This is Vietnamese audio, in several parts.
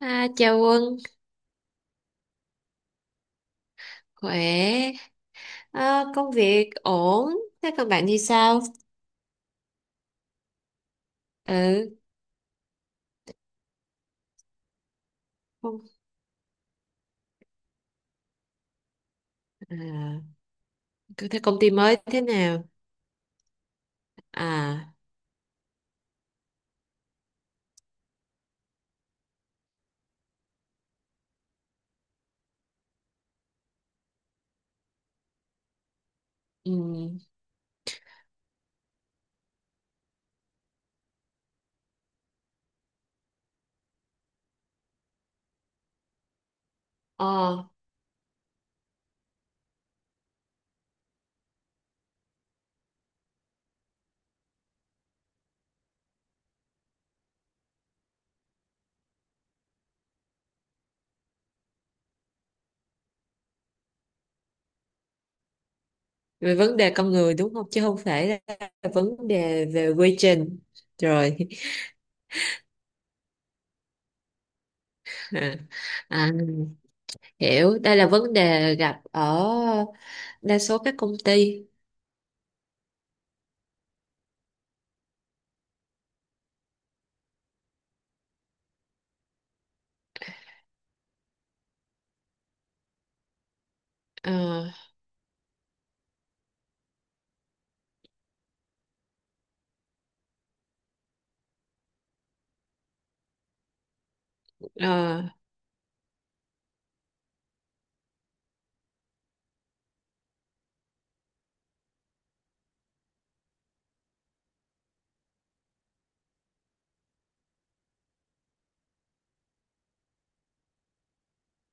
À, chào Quân. Khỏe. À, công việc ổn. Thế còn bạn thì sao? Ừ, không. À, cứ thế công ty mới thế nào? À, um, về vấn đề con người đúng không? Chứ không phải là vấn đề về quy trình. Rồi. À, à, hiểu, đây là vấn đề gặp ở đa số các công ty. Ờ, ờ,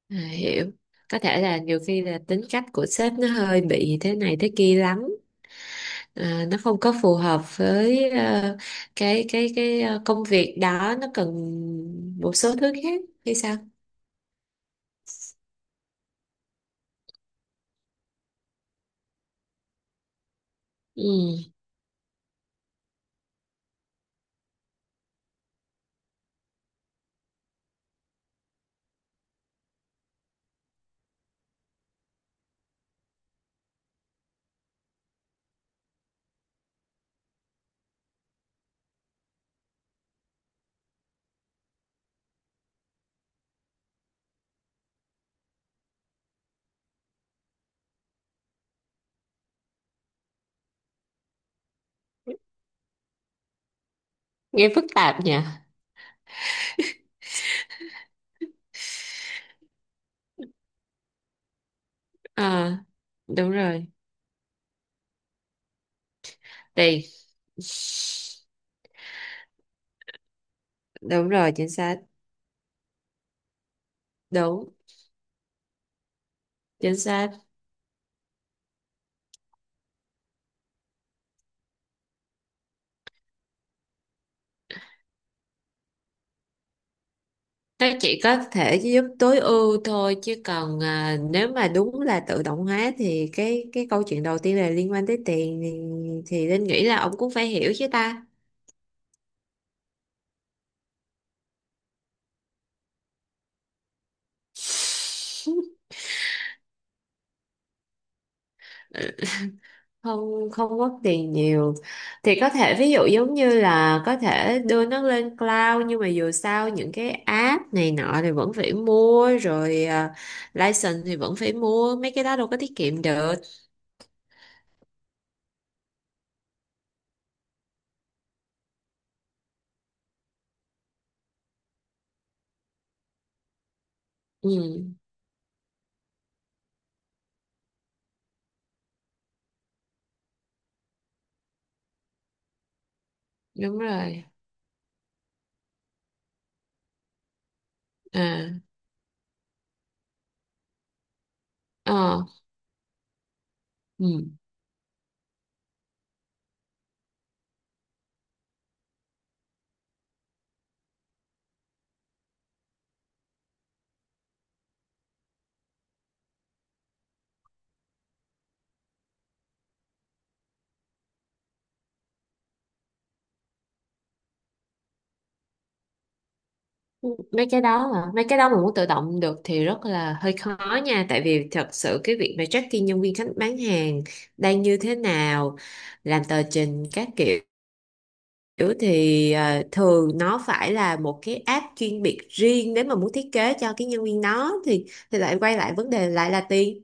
à, hiểu, có thể là nhiều khi là tính cách của sếp nó hơi bị thế này thế kia lắm. À, nó không có phù hợp với cái công việc đó nó cần một số thứ khác hay sao? Ừ, nghe phức tạp nhỉ. Ờ, đúng rồi. Tiền. Đúng rồi, chính xác. Đúng, chính xác. Nó chỉ có thể giúp tối ưu thôi chứ còn nếu mà đúng là tự động hóa thì cái câu chuyện đầu tiên là liên quan tới tiền thì Linh nghĩ là ông cũng phải hiểu chứ ta. Không không mất tiền nhiều thì có thể ví dụ giống như là có thể đưa nó lên cloud, nhưng mà dù sao những cái app này nọ thì vẫn phải mua rồi. License thì vẫn phải mua, mấy cái đó đâu có tiết kiệm được. Ừ, đúng rồi, à, ờ, ừ. Mấy cái đó mà muốn tự động được thì rất là hơi khó nha, tại vì thật sự cái việc mà tracking nhân viên khách bán hàng đang như thế nào, làm tờ trình các kiểu kiểu thì thường nó phải là một cái app chuyên biệt riêng. Nếu mà muốn thiết kế cho cái nhân viên đó thì lại quay lại vấn đề lại là tiền.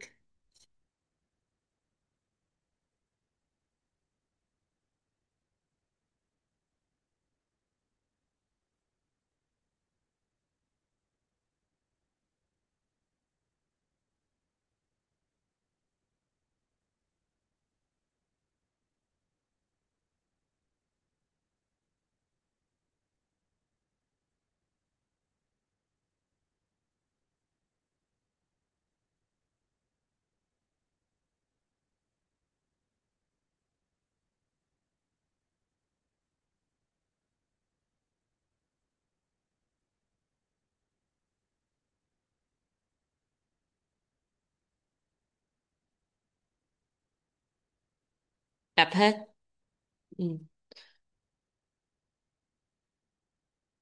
Đập hết. Ừ.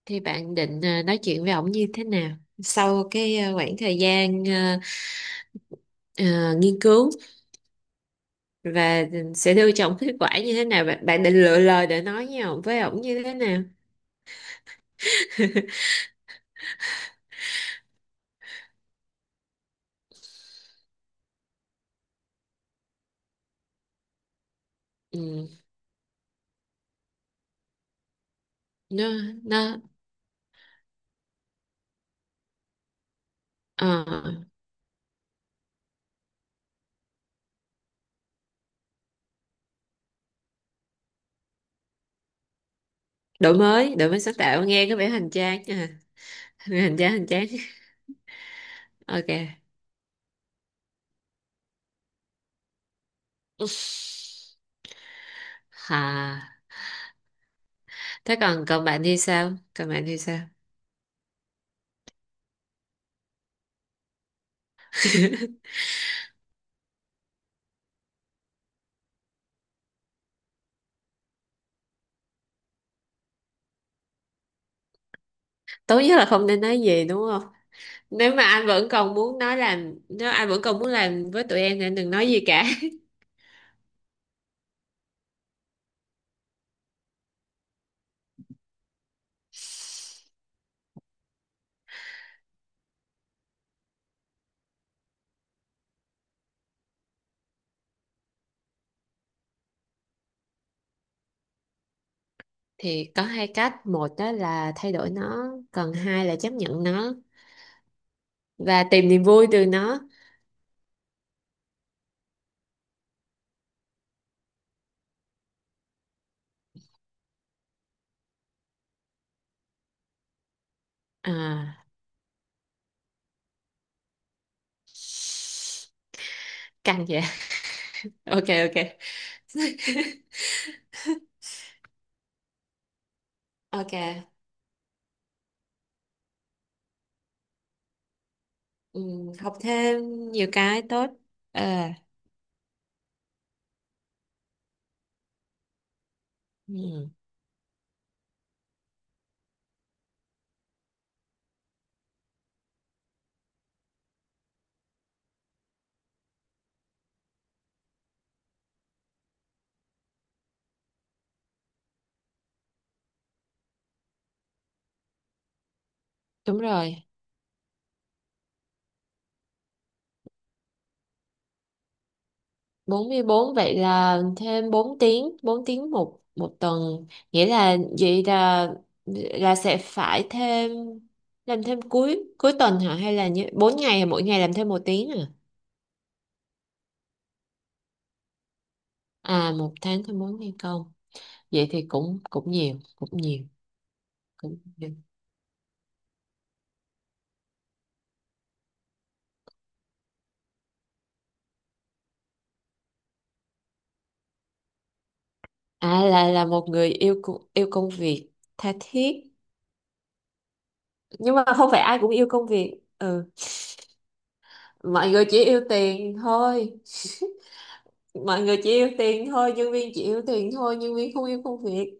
Thì bạn định nói chuyện với ổng như thế nào sau cái khoảng thời gian nghiên cứu, và sẽ đưa cho ổng kết quả như thế nào? Bạn định lựa lời để nói với ổng như thế nào? Ừ. nó nó ờ, đổi mới sáng tạo nghe có vẻ hoành tráng nha. Hoành tráng hoành tráng. Ok. Ừm, Hà, thế còn còn bạn thì sao? Còn bạn thì sao? Tốt nhất là không nên nói gì, đúng không? Nếu anh vẫn còn muốn làm với tụi em thì anh đừng nói gì cả. Thì có hai cách, một đó là thay đổi nó, còn hai là chấp nhận nó và tìm niềm vui từ nó. À, căng vậy. Ok, ok. Ok. Học thêm nhiều cái tốt. Ờ. Ừ, đúng rồi. 44, vậy là thêm 4 tiếng, 4 tiếng một một tuần? Nghĩa là vậy là sẽ phải thêm, làm thêm cuối cuối tuần hả, hay là như 4 ngày mỗi ngày làm thêm 1 tiếng à? À, 1 tháng thêm 4 ngày công, vậy thì cũng cũng nhiều, cũng nhiều, cũng nhiều. À, là một người yêu yêu công việc tha thiết. Nhưng mà không phải ai cũng yêu công việc. Ừ, mọi người chỉ yêu tiền thôi, mọi người chỉ yêu tiền thôi, nhân viên chỉ yêu tiền thôi, nhân viên không yêu công việc.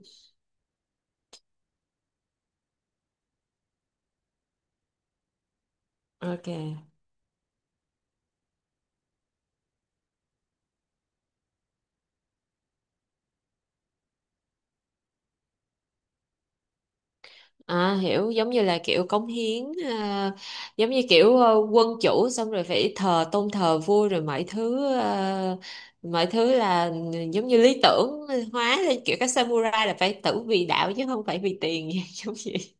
Ok. À, hiểu, giống như là kiểu cống hiến à, giống như kiểu quân chủ, xong rồi phải tôn thờ vua rồi mọi thứ, là giống như lý tưởng hóa lên, kiểu các samurai là phải tử vì đạo chứ không phải vì tiền. Giống vậy.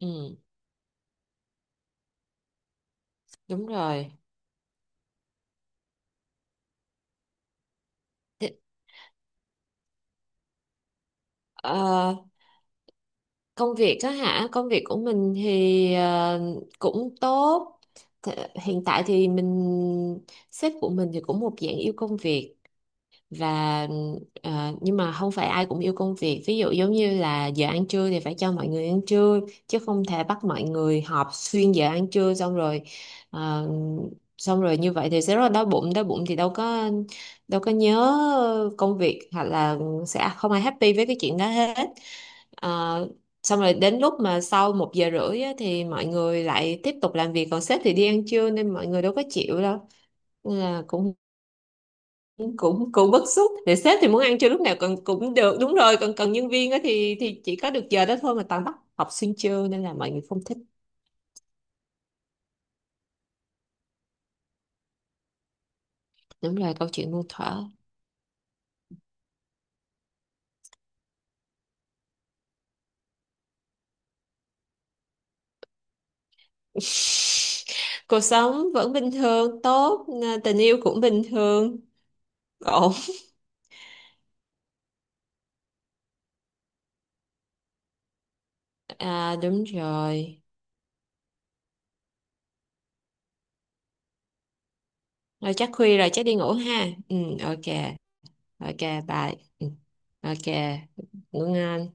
Ừ, đúng rồi. Thế- ờ, công việc á hả, công việc của mình thì cũng tốt. Hiện tại thì mình, sếp của mình thì cũng một dạng yêu công việc. Và nhưng mà không phải ai cũng yêu công việc, ví dụ giống như là giờ ăn trưa thì phải cho mọi người ăn trưa, chứ không thể bắt mọi người họp xuyên giờ ăn trưa, xong rồi ờ, xong rồi như vậy thì sẽ rất là đói bụng. Đói bụng thì đâu có nhớ công việc, hoặc là sẽ không ai happy với cái chuyện đó hết. Ờ, xong rồi đến lúc mà sau 1 giờ rưỡi á, thì mọi người lại tiếp tục làm việc còn sếp thì đi ăn trưa, nên mọi người đâu có chịu đâu. Nên là cũng cũng cũng bức xúc để sếp thì muốn ăn trưa lúc nào còn cũng được, đúng rồi, còn cần nhân viên á thì chỉ có được giờ đó thôi mà toàn bắt học sinh trưa, nên là mọi người không thích. Đúng rồi, câu chuyện muôn thuở. Cuộc sống vẫn bình thường tốt, à, tình yêu cũng bình thường, ổn. À, đúng rồi. Rồi chắc khuya rồi, chắc đi ngủ ha. Ừ, ok. Ok, bye. Ừ, ok. Ngủ ngon.